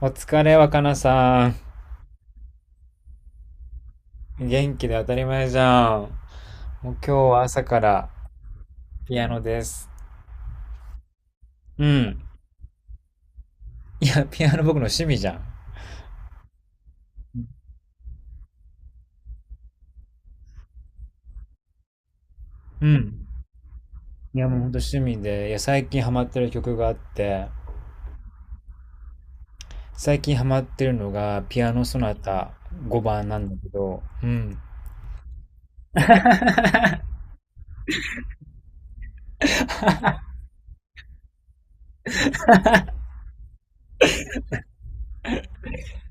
お疲れ、若菜さん。元気で当たり前じゃん。もう今日は朝からピアノです。うん。いや、ピアノ僕の趣味じゃん。うん。いや、もうほんと趣味で、いや、最近ハマってる曲があって、最近ハマってるのがピアノソナタ5番なんだけど、うん。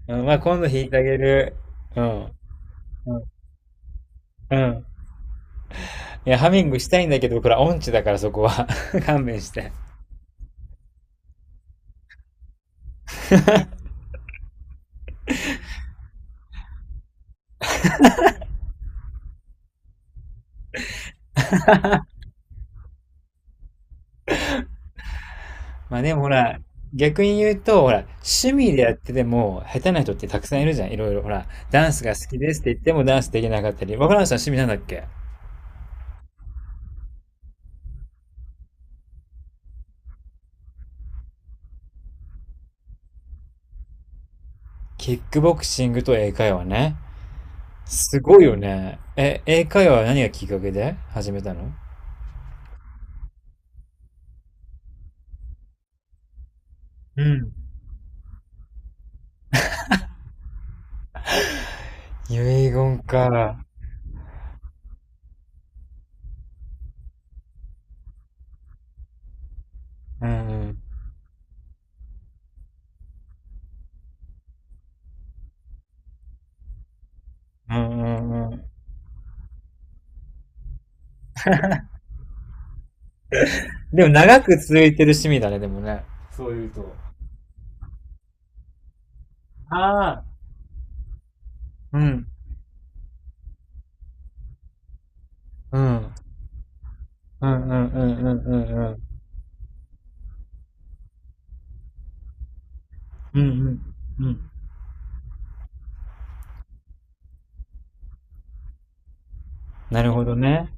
うん、まあ今度弾いてあげる。うん。うん。うん。いや、ハミングしたいんだけど、これは音痴だからそこは 勘弁して。まあでもほら、逆に言うと、ほら、趣味でやってても、下手な人ってたくさんいるじゃん、いろいろ。ほら、ダンスが好きですって言ってもダンスできなかったり。若林さん趣味なんだっけ？キックボクシングと英会話ね。すごいよね。え、英会話は何がきっかけで始めたの？うん。遺言か。うん。うんうんうん。でも長く続いてる趣味だね、でもね。そういうと。ああ。うん。うん。うんうんうんうんうんうん。うんうん。うん。なるほどね。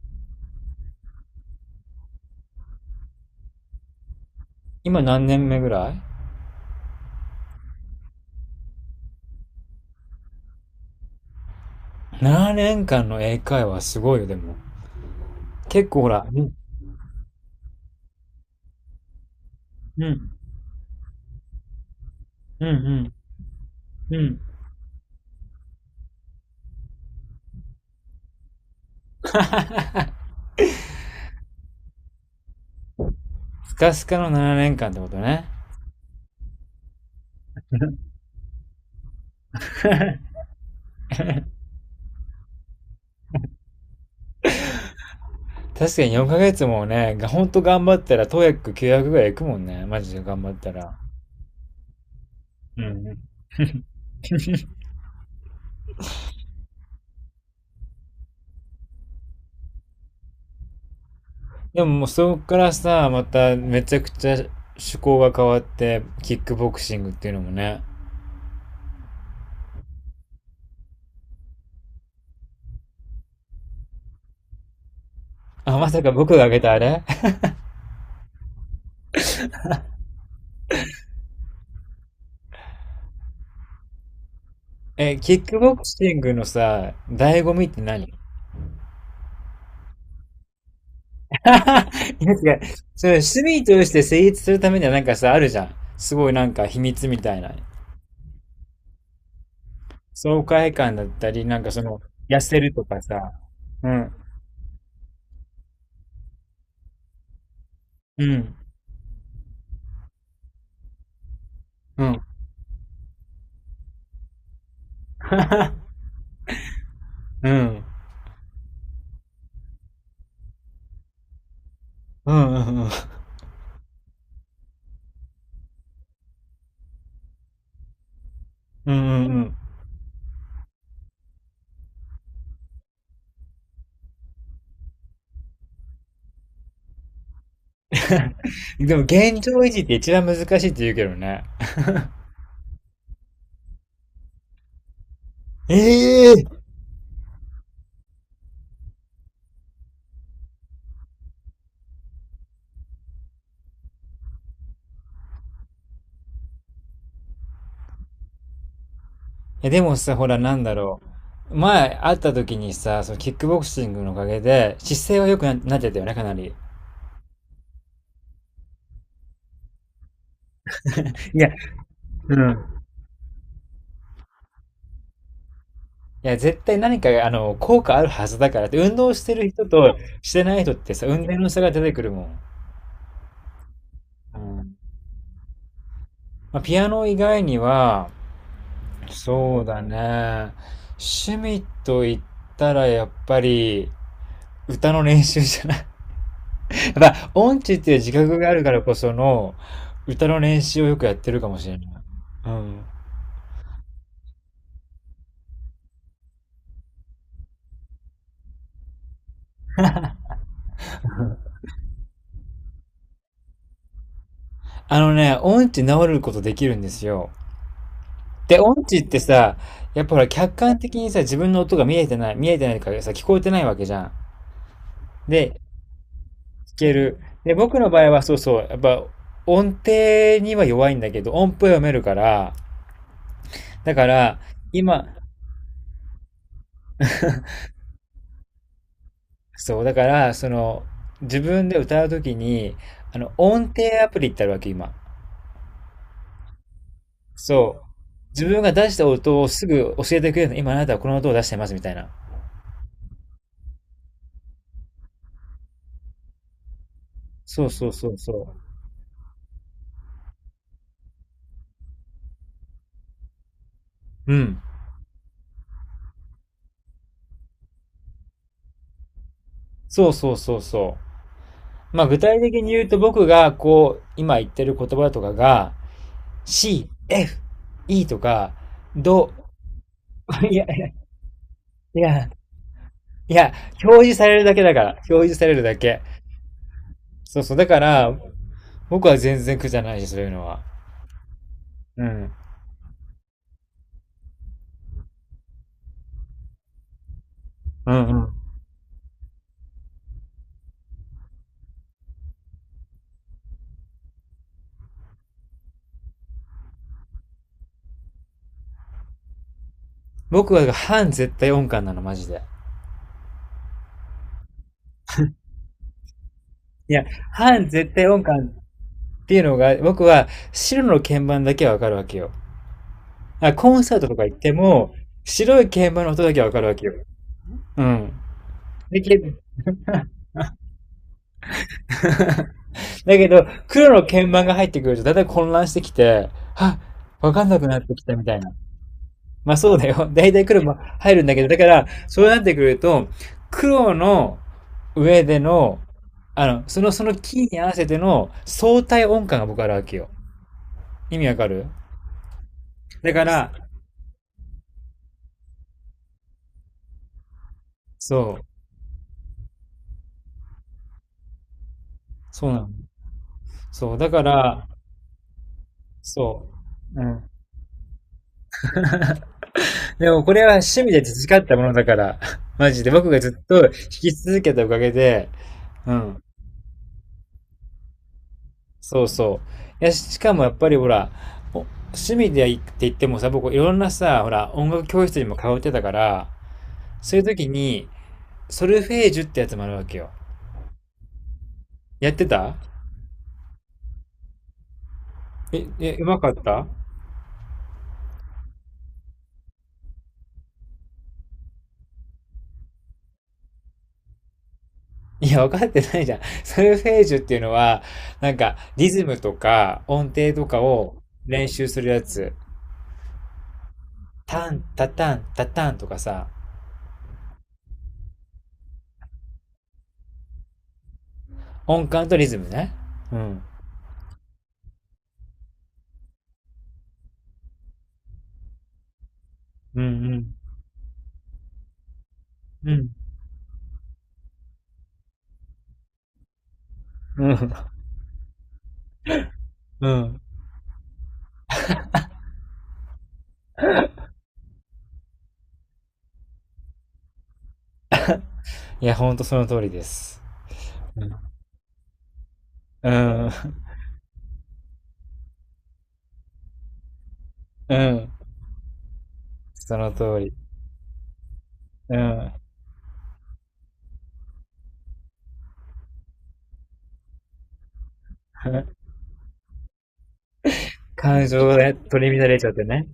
今何年目ぐらい？ 7 年間の英会話すごいよ、でも。結構ほら、うん、うん、うん、うん、うん。スカスカの7年間ってことね。確かに。4ヶ月もね、がほんと頑張ったら、トヤック900ぐらいいくもんね。マジで頑張ったら。うんうん。でももうそこからさ、まためちゃくちゃ趣向が変わって、キックボクシングっていうのもね。あ、まさか僕が挙げたあれ？ え、キックボクシングのさ、醍醐味って何？いや違う。それ趣味として成立するためにはなんかさ、あるじゃん。すごいなんか秘密みたいな。爽快感だったり、なんかその、痩せるとかさ。うん。うん。うん。うん。うん。うん。うん。うん。うん。 でも現状維持って一番難しいって言うけどね。ええ。え、でもさ、ほら、なんだろう。前会った時にさ、そのキックボクシングのおかげで姿勢は良くな、なってたよね、かなり。いや、うん。いや、絶対何か、あの、効果あるはずだからって、運動してる人としてない人ってさ、運転の差が出てくるもん。うん。まあ、ピアノ以外には、そうだね。趣味と言ったら、やっぱり、歌の練習じゃない。まあ、音痴っていう自覚があるからこその、歌の練習をよくやってるかもしれない。うん。あのね、音痴治ることできるんですよ。で、音痴ってさ、やっぱほら客観的にさ、自分の音が見えてない、見えてないからさ、聞こえてないわけじゃん。で、聞ける。で、僕の場合はそうそう、やっぱ音程には弱いんだけど、音符は読めるから、だから、今、そう、だから、その、自分で歌うときに、あの、音程アプリってあるわけ、今。そう。自分が出した音をすぐ教えてくれるの。今あなたはこの音を出してます、みたいな。そうそうそうそう。うん。そうそうそうそう。まあ具体的に言うと僕がこう、今言ってる言葉とかが、C、F、E とか、ど、いや、いや、いや、表示されるだけだから。表示されるだけ。そうそう。だから、僕は全然苦じゃないし、そういうのは。うん。うんうん。僕は半絶対音感なの、マジで。いや、半絶対音感っていうのが、僕は白の鍵盤だけはわかるわけよ。あコンサートとか行っても、白い鍵盤の音だけはわかるわけよ。うん。で、だけど、黒の鍵盤が入ってくると、だいたい混乱してきて、はっ、わかんなくなってきたみたいな。まあそうだよ。だいたい黒も入るんだけど、だから、そうなってくると、黒の上での、あの、その、そのキーに合わせての相対音感が僕あるわけよ。意味わかる？だから、そう、そうなの。そう、だから、そう。うん。でもこれは趣味で培ったものだから、マジで僕がずっと弾き続けたおかげで、うん。そうそう。いや、しかもやっぱりほら、お趣味でって言ってもさ、僕いろんなさ、ほら、音楽教室にも通ってたから、そういう時に、ソルフェージュってやつもあるわけよ。やってた？え、え、うまかった？いや、分かってないじゃん。ソルフェージュっていうのは、なんか、リズムとか音程とかを練習するやつ。タン、タタン、タタンとかさ、音感とリズムね。うん。うんうん。うん。うん。うん。いや、ほんとその通りです。うん。うん。その通り。うん。感情で取り乱れちゃってね。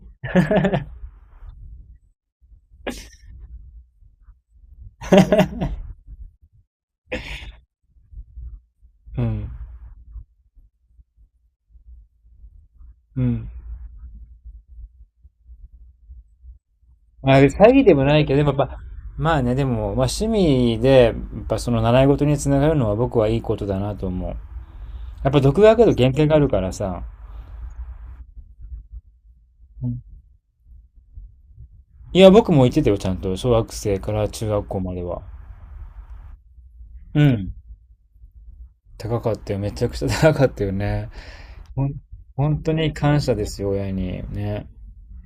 うん。うん。まあ、詐欺でもないけど、でもやっぱ、まあね、でも、まあ、趣味で、やっぱその習い事につながるのは僕はいいことだなと思う。やっぱ独学だと限界があるからさ。うん、いや、僕も言ってたよ、ちゃんと。小学生から中学校までは。うん。高かったよ。めちゃくちゃ高かったよね。ほん、本当に感謝ですよ、親に。ね。